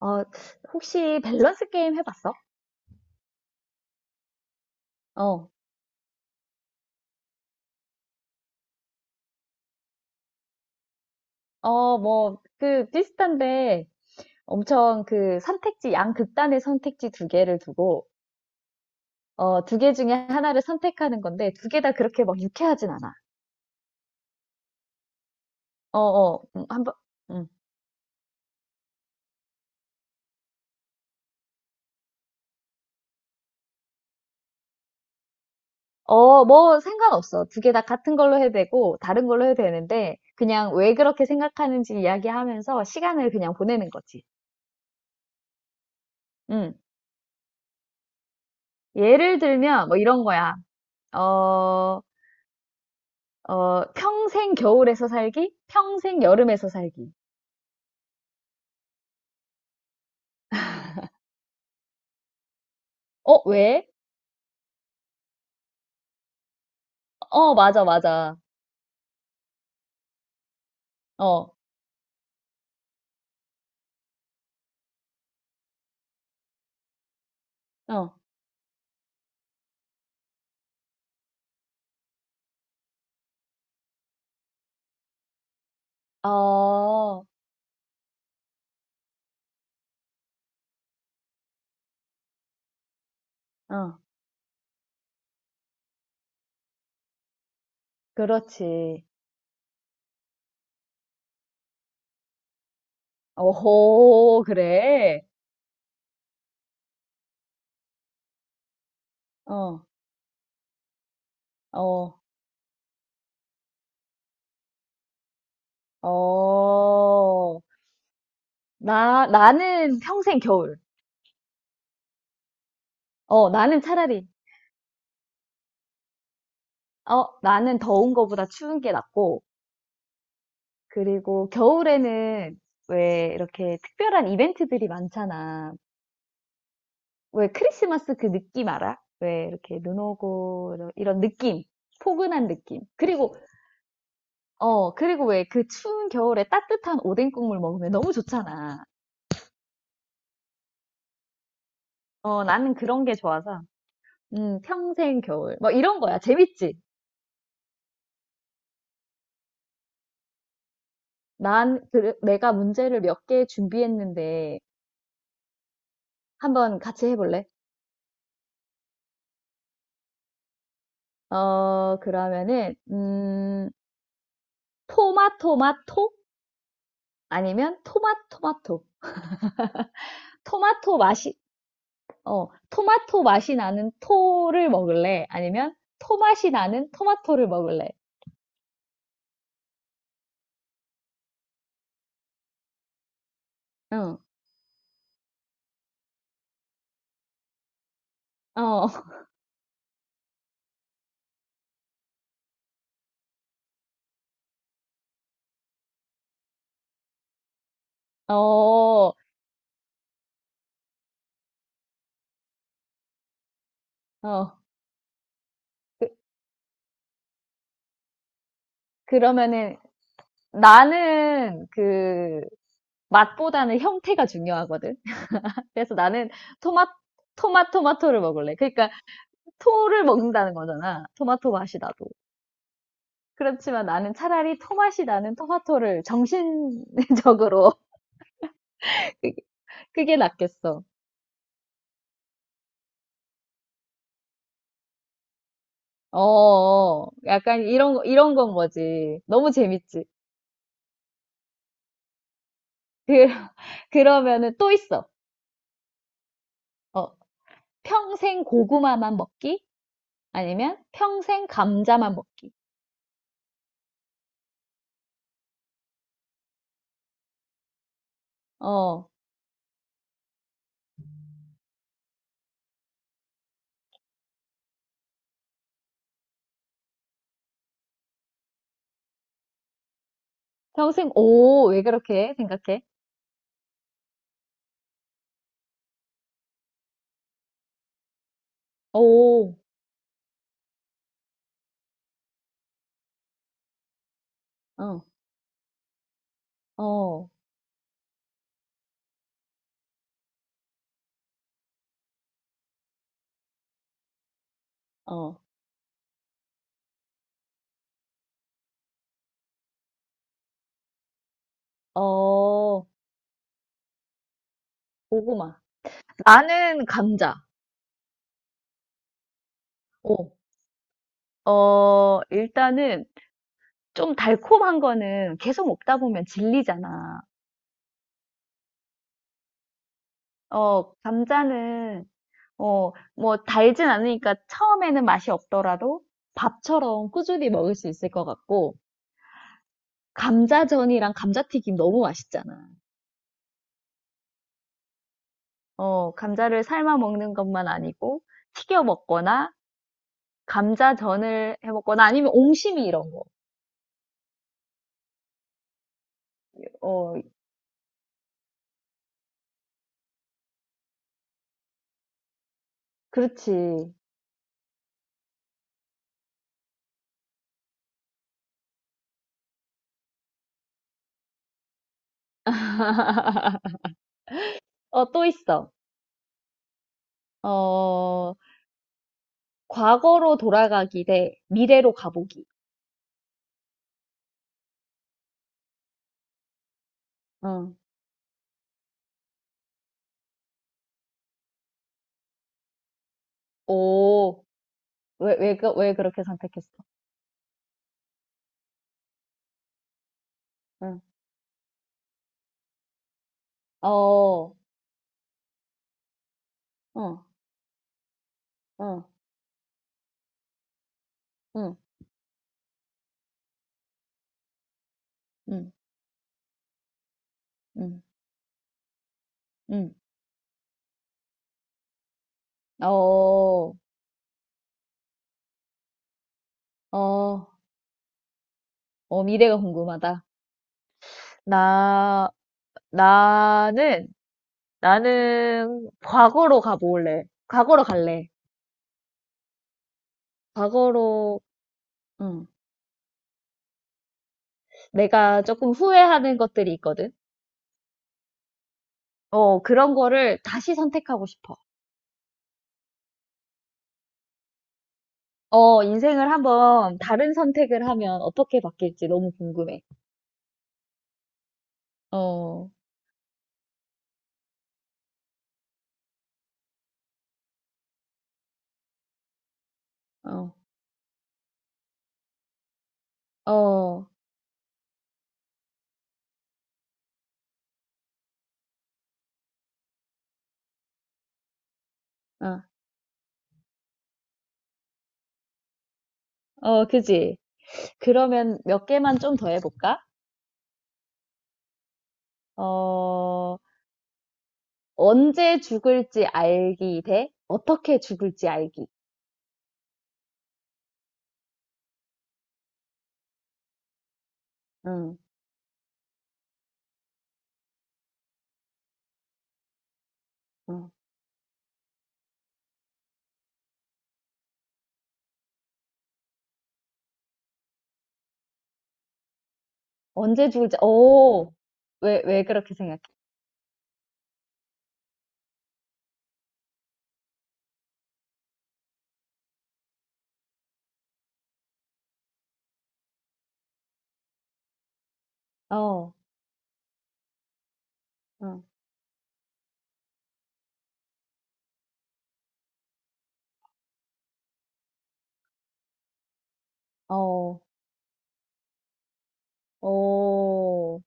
어, 혹시 밸런스 게임 해봤어? 어, 어, 뭐, 그, 비슷한데, 엄청 그 선택지, 양극단의 선택지 두 개를 두고, 어, 두 개 중에 하나를 선택하는 건데, 두 개 다 그렇게 막 유쾌하진 않아. 어, 어, 한 번, 음. 어, 뭐, 상관없어. 두 개 다 같은 걸로 해도 되고, 다른 걸로 해도 되는데, 그냥 왜 그렇게 생각하는지 이야기하면서 시간을 그냥 보내는 거지. 음. 예를 들면, 뭐 이런 거야. 어, 어, 평생 겨울에서 살기, 평생 여름에서 살기. 어, 왜? 어, 맞아, 맞아. 어, 어, 어, 어, 그렇지. 오호, 그래. 어, 어, 어. 나는 평생 겨울. 어, 나는 차라리, 어, 나는 더운 거보다 추운 게 낫고, 그리고 겨울에는 왜 이렇게 특별한 이벤트들이 많잖아. 왜 크리스마스 그 느낌 알아? 왜 이렇게 눈 오고 이런 느낌, 포근한 느낌. 그리고 어 그리고 왜 그 추운 겨울에 따뜻한 오뎅 국물 먹으면 너무 좋잖아. 어 나는 그런 게 좋아서 평생 겨울 뭐 이런 거야. 재밌지? 난 그- 내가 문제를 몇 개 준비했는데 한번 같이 해볼래? 어, 그러면은 토마토마토 아니면 토마토마토 토마토 맛이 어, 토마토 맛이 나는 토를 먹을래? 아니면 토 맛이 나는 토마토를 먹을래? 응, 어, 어, 어. 그, 러면은 나는 그 맛보다는 형태가 중요하거든. 그래서 나는 토마, 토마토를 먹을래. 그러니까 토를 먹는다는 거잖아. 토마토 맛이 나도. 그렇지만 나는 차라리 토 맛이 나는 토마토를 정신적으로 그게 낫겠어. 어 어. 약간 이런, 거- 이런 건 거지. 너무 재밌지. 그, 그러면은 또 있어. 어, 평생 고구마만 먹기? 아니면 평생 감자만 먹기? 어, 평생, 오, 왜 그렇게 생각해? 오, 어, 어, 어, 어, 고구마. 나는 감자. 오, 어, 일단은 좀 달콤한 거는 계속 먹다 보면 질리잖아. 어, 감자는 어, 뭐 달진 않으니까 처음에는 맛이 없더라도 밥처럼 꾸준히 먹을 수 있을 것 같고, 감자전이랑 감자튀김 너무 맛있잖아. 어, 감자를 삶아 먹는 것만 아니고 튀겨 먹거나 감자전을 해 먹거나 아니면 옹심이 이런 거. 어, 그렇지. 어, 또 있어. 어, 과거로 돌아가기 대 미래로 가보기. 응. 오, 왜 그렇게 선택했어? 응. 어, 어. 어, 응, 응, 응, 응. 어, 어, 어, 미래가 궁금하다. 나, 나는, 나는 과거로 가볼래. 과거로 갈래. 과거로 응. 내가 조금 후회하는 것들이 있거든. 어, 그런 거를 다시 선택하고 싶어. 어, 인생을 한번 다른 선택을 하면 어떻게 바뀔지 너무 궁금해. 어, 어, 어, 어, 어, 그지? 그러면 몇 개만 좀 더 해볼까? 어, 언제 죽을지 알기 대 어떻게 죽을지 알기. 응, 응. 언제 죽을지, 오, 왜 그렇게 생각해? 어, 응, 어, 어.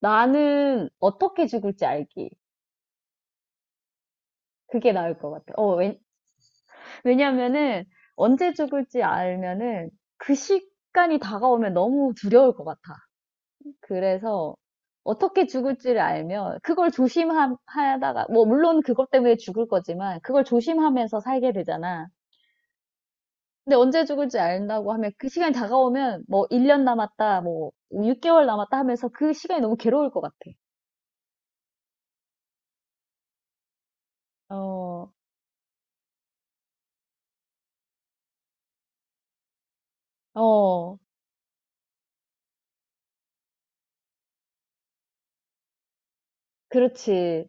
나는 어떻게 죽을지 알기. 그게 나을 것 같아. 왜냐면은, 언제 죽을지 알면은, 그 시간이 다가오면 너무 두려울 것 같아. 그래서 어떻게 죽을지를 알면 그걸 조심하다가 뭐 물론 그것 때문에 죽을 거지만 그걸 조심하면서 살게 되잖아. 근데 언제 죽을지 안다고 하면 그 시간이 다가오면 뭐 1년 남았다, 뭐 6개월 남았다 하면서 그 시간이 너무 괴로울 것 같아. 어, 어, 그렇지.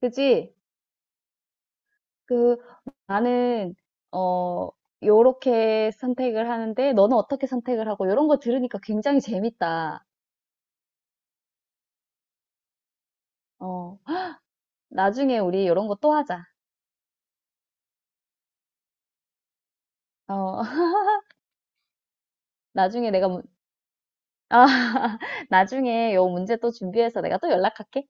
그지? 그 나는 어 요렇게 선택을 하는데 너는 어떻게 선택을 하고 이런 거 들으니까 굉장히 재밌다. 어, 나중에 우리 이런 거 또 하자. 어. 나중에 내가 문 아 나중에 요 문제 또 준비해서 내가 또 연락할게.